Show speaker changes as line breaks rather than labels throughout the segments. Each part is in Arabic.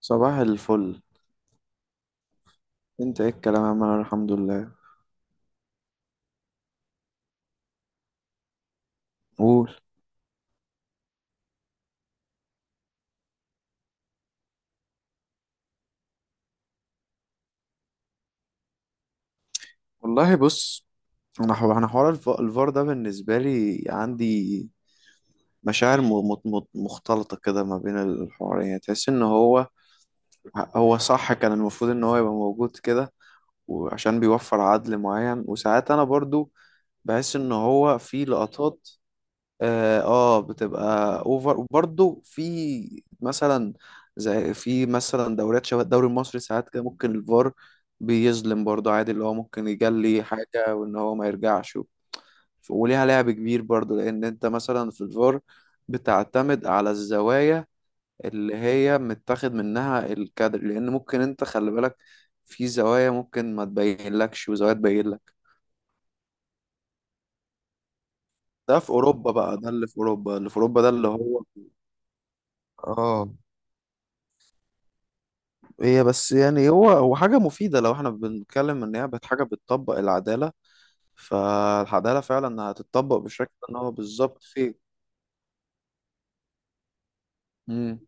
صباح الفل. انت ايه الكلام يا عم، انا الحمد لله. قول. والله بص، انا حوار الفار ده بالنسبه لي عندي مشاعر مختلطه كده ما بين الحوارين. يعني تحس ان هو صح كان المفروض ان هو يبقى موجود كده، وعشان بيوفر عدل معين، وساعات انا برضو بحس ان هو في لقطات. بتبقى اوفر، وبرضه في مثلا، زي في مثلا دوريات شبه الدوري المصري ساعات كده ممكن الفار بيظلم برضه. عادي اللي هو ممكن يجلي حاجة وان هو ما يرجعش. وليها لعب كبير برضه، لان انت مثلا في الفار بتعتمد على الزوايا اللي هي متاخد منها الكادر، لان ممكن انت خلي بالك في زوايا ممكن ما تبين لكش وزوايا تبين لك. ده في اوروبا بقى. ده اللي في اوروبا ده اللي هو. اه. هي بس يعني هو حاجة مفيدة، لو احنا بنتكلم ان هي حاجة بتطبق العدالة، فالعدالة فعلا هتطبق بالشكل ان هو بالظبط فيه. مم.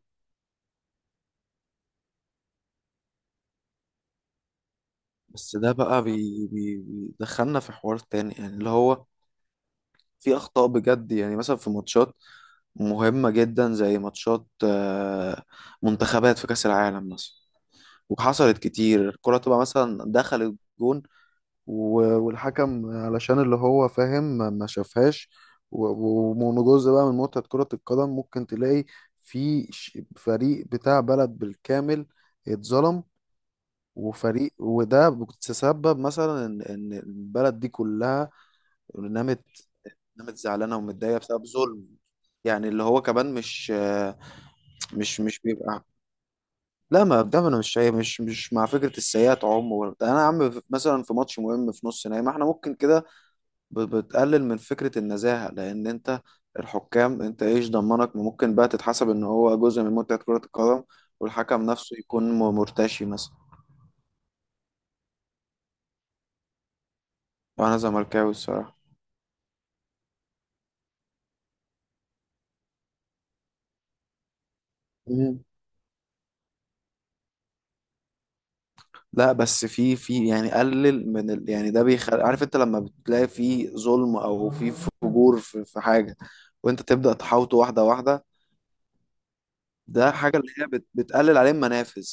بس ده بقى بي بيدخلنا في حوار تاني، يعني اللي هو في أخطاء بجد، يعني مثلا في ماتشات مهمة جدا، زي ماتشات منتخبات في كأس العالم مثلا، وحصلت كتير الكرة تبقى مثلا دخلت جون، والحكم علشان اللي هو فاهم ما شافهاش. و- و- ومن جزء بقى من متعة كرة القدم ممكن تلاقي في فريق بتاع بلد بالكامل اتظلم، وفريق، وده بتسبب مثلا ان إن البلد دي كلها نامت نامت زعلانه ومتضايقه بسبب ظلم. يعني اللي هو كمان مش، مش بيبقى. لا، ما ده انا مش مع فكره السيئات عموما. ده انا يا عم مثلا في ماتش مهم في نص نهائي، ما احنا ممكن كده بتقلل من فكرة النزاهة. لأن أنت الحكام، أنت إيش ضمنك ما ممكن بقى تتحسب إن هو جزء من متعة كرة القدم، والحكم نفسه يكون مرتشي مثلا. أنا زملكاوي الصراحة. مم. لا بس في يعني قلل من ال، يعني ده بيخلي عارف أنت لما بتلاقي في ظلم أو في فجور في حاجة، وأنت تبدأ تحاوطه واحدة واحدة. ده حاجة اللي هي بتقلل عليه المنافذ.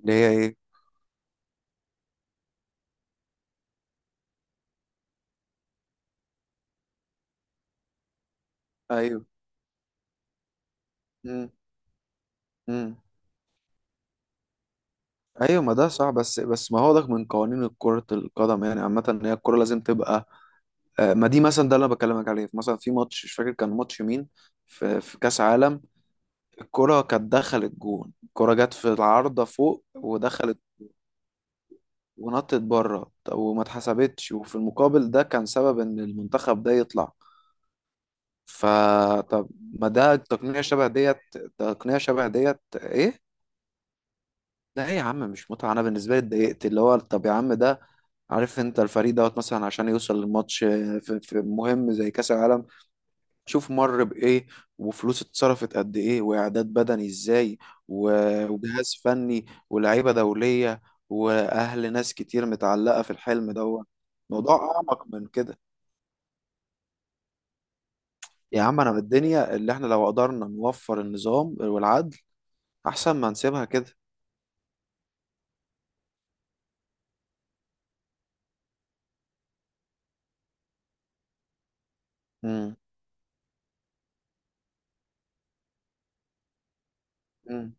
اللي هي إيه؟ أيوه. مم. مم. ايوه، ما ده صح، بس ما هو ده من قوانين كرة القدم يعني عامة، ان هي الكرة لازم تبقى آه، ما دي مثلا ده اللي انا بكلمك عليه. مثلا في ماتش مش فاكر كان ماتش مين، في كأس عالم، الكرة كانت دخلت جون. الكرة جت في العارضة فوق ودخلت ونطت بره وما اتحسبتش، وفي المقابل ده كان سبب ان المنتخب ده يطلع. فطب، ما ده التقنية شبه ديت. تقنية شبه ديت ايه؟ ده ايه يا عم؟ مش متعة، انا بالنسبة لي اتضايقت. اللي هو طب يا عم، ده عارف انت الفريق دوت مثلا عشان يوصل للماتش في مهم زي كأس العالم شوف مر بإيه، وفلوس اتصرفت قد إيه، وإعداد بدني إزاي، وجهاز فني ولاعيبة دولية وأهل، ناس كتير متعلقة في الحلم دوت. موضوع أعمق من كده. يا عم، أنا بالدنيا اللي إحنا لو قدرنا نوفر النظام والعدل، أحسن ما نسيبها كده. مم. مم.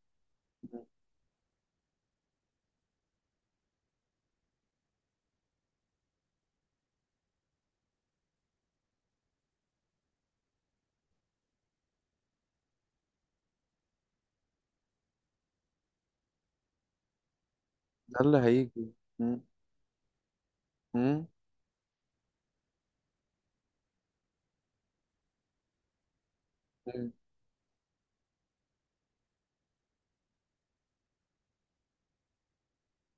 ده اللي هيجي. مم. مم.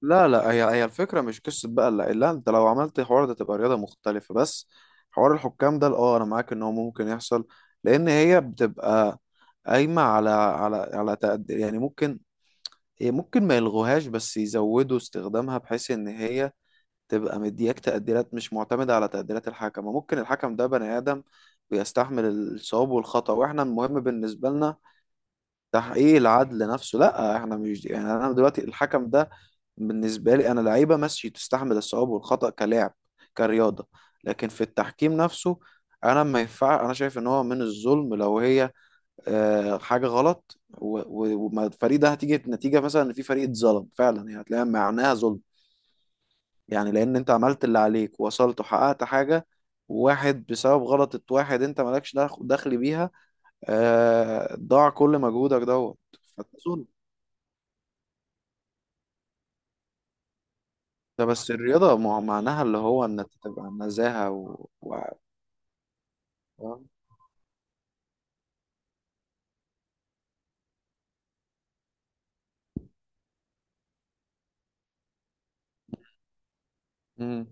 لا لا، هي الفكرة مش قصة بقى. لا لا، انت لو عملت حوار ده تبقى رياضة مختلفة. بس حوار الحكام ده اه، انا معاك ان هو ممكن يحصل، لان هي بتبقى قايمة على على يعني ممكن، هي ممكن ما يلغوهاش، بس يزودوا استخدامها، بحيث ان هي تبقى مدياك تقديرات مش معتمدة على تقديرات الحكم. وممكن الحكم ده بني آدم بيستحمل الصواب والخطأ، واحنا المهم بالنسبة لنا تحقيق العدل نفسه. لا احنا مش، يعني انا دلوقتي الحكم ده بالنسبه لي انا لعيبه ماشي تستحمل الصواب والخطا كلاعب كرياضه، لكن في التحكيم نفسه انا ما ينفع. انا شايف ان هو من الظلم لو هي آه، حاجه غلط و- و- وما الفريق ده هتيجي نتيجه مثلا ان في فريق اتظلم فعلا، يعني هتلاقيها معناها ظلم، يعني لان انت عملت اللي عليك ووصلت وحققت حاجه، واحد بسبب غلطة واحد انت مالكش دخل بيها، آه، ضاع كل مجهودك دوت، فده ظلم. ده بس الرياضة معناها اللي هو إن أنت تبقى نزاهة و فاهم؟ مم.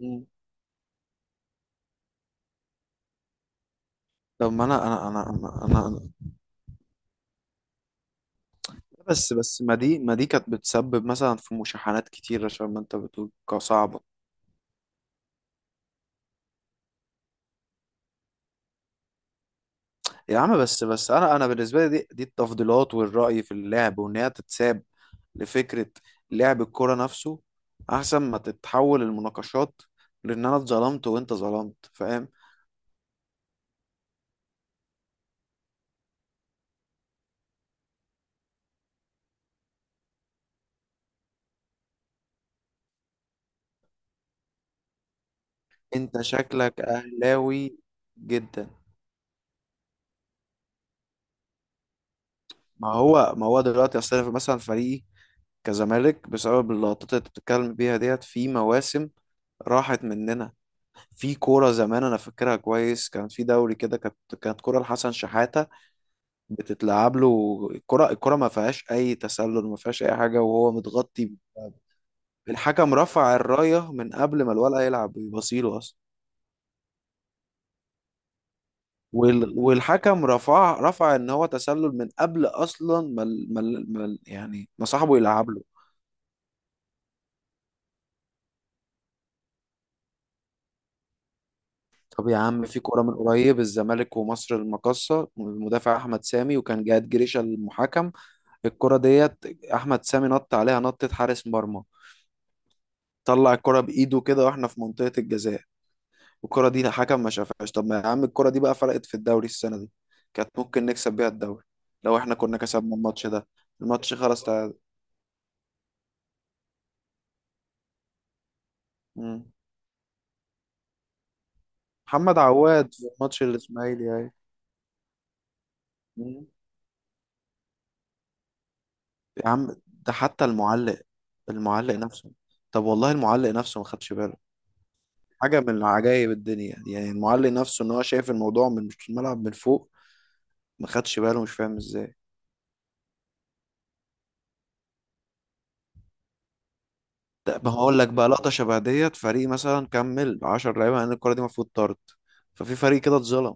مم. طب ما أنا، أنا أنا أنا بس ما دي كانت بتسبب مثلا في مشاحنات كتير، عشان ما أنت بتقول صعبة. يا عم، بس أنا بالنسبة لي دي التفضيلات والرأي في اللعب، وإن هي تتساب لفكرة لعب الكورة نفسه، أحسن ما تتحول المناقشات لأن أنا اتظلمت وأنت ظلمت، فاهم؟ أنت شكلك أهلاوي جدا. ما هو دلوقتي اصل، أنا مثلا فريقي كزمالك، بسبب اللقطات اللي انت بتتكلم بيها ديت، في مواسم راحت مننا. في كورة زمان انا فاكرها كويس، كان في دوري كده، كانت كورة لحسن شحاتة بتتلعب له الكرة، الكرة ما فيهاش اي تسلل، ما فيهاش اي حاجة وهو متغطي، الحكم رفع الراية من قبل ما الولد يلعب يبصيله اصلا. وال- والحكم رفع ان هو تسلل من قبل اصلا ما يعني ما صاحبه يلعب له. طب يا عم، في كورة من قريب الزمالك ومصر المقاصة، المدافع أحمد سامي، وكان جهاد جريشة المحكم، الكرة ديت أحمد سامي نط عليها نطة حارس مرمى، طلع الكرة بإيده كده وإحنا في منطقة الجزاء، والكرة دي الحكم ما شافهاش. طب ما يا عم الكرة دي بقى فرقت في الدوري السنة دي، كانت ممكن نكسب بيها الدوري لو إحنا كنا كسبنا الماتش ده. الماتش خلاص تعادل. مم. محمد عواد في ماتش الإسماعيلي أهي. مم. يا عم ده حتى المعلق، المعلق نفسه، طب والله المعلق نفسه ما خدش باله. حاجة من عجائب الدنيا دي. يعني المعلق نفسه ان هو شايف الموضوع من، مش الملعب، من فوق ما خدش باله، مش فاهم ازاي. ده ما هقول لك بقى لقطة شبه ديت، فريق مثلا كمل 10 لعيبة لان الكرة دي المفروض طرد، ففي فريق كده اتظلم.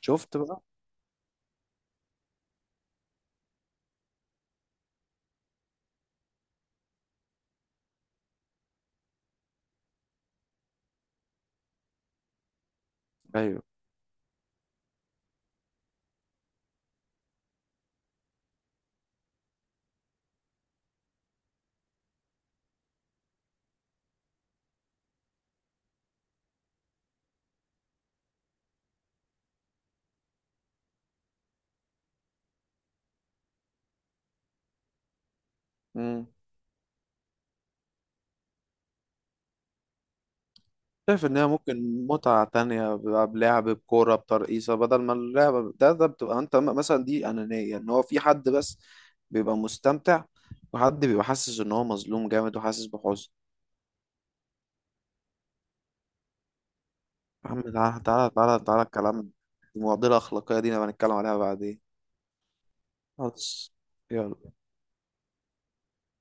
شفت بقى؟ ايوه. امم. شايف ان هي ممكن متعة تانية بقى بلعب بكورة بترقيصة، بدل ما اللعبة ده بتبقى انت مثلا دي أنانية، ان هو في حد بس بيبقى مستمتع، وحد بيبقى حاسس ان هو مظلوم جامد وحاسس بحزن. يا عم، تعالى الكلام، المعضلة الأخلاقية دي نبقى نتكلم عليها بعدين. خلاص. يلا.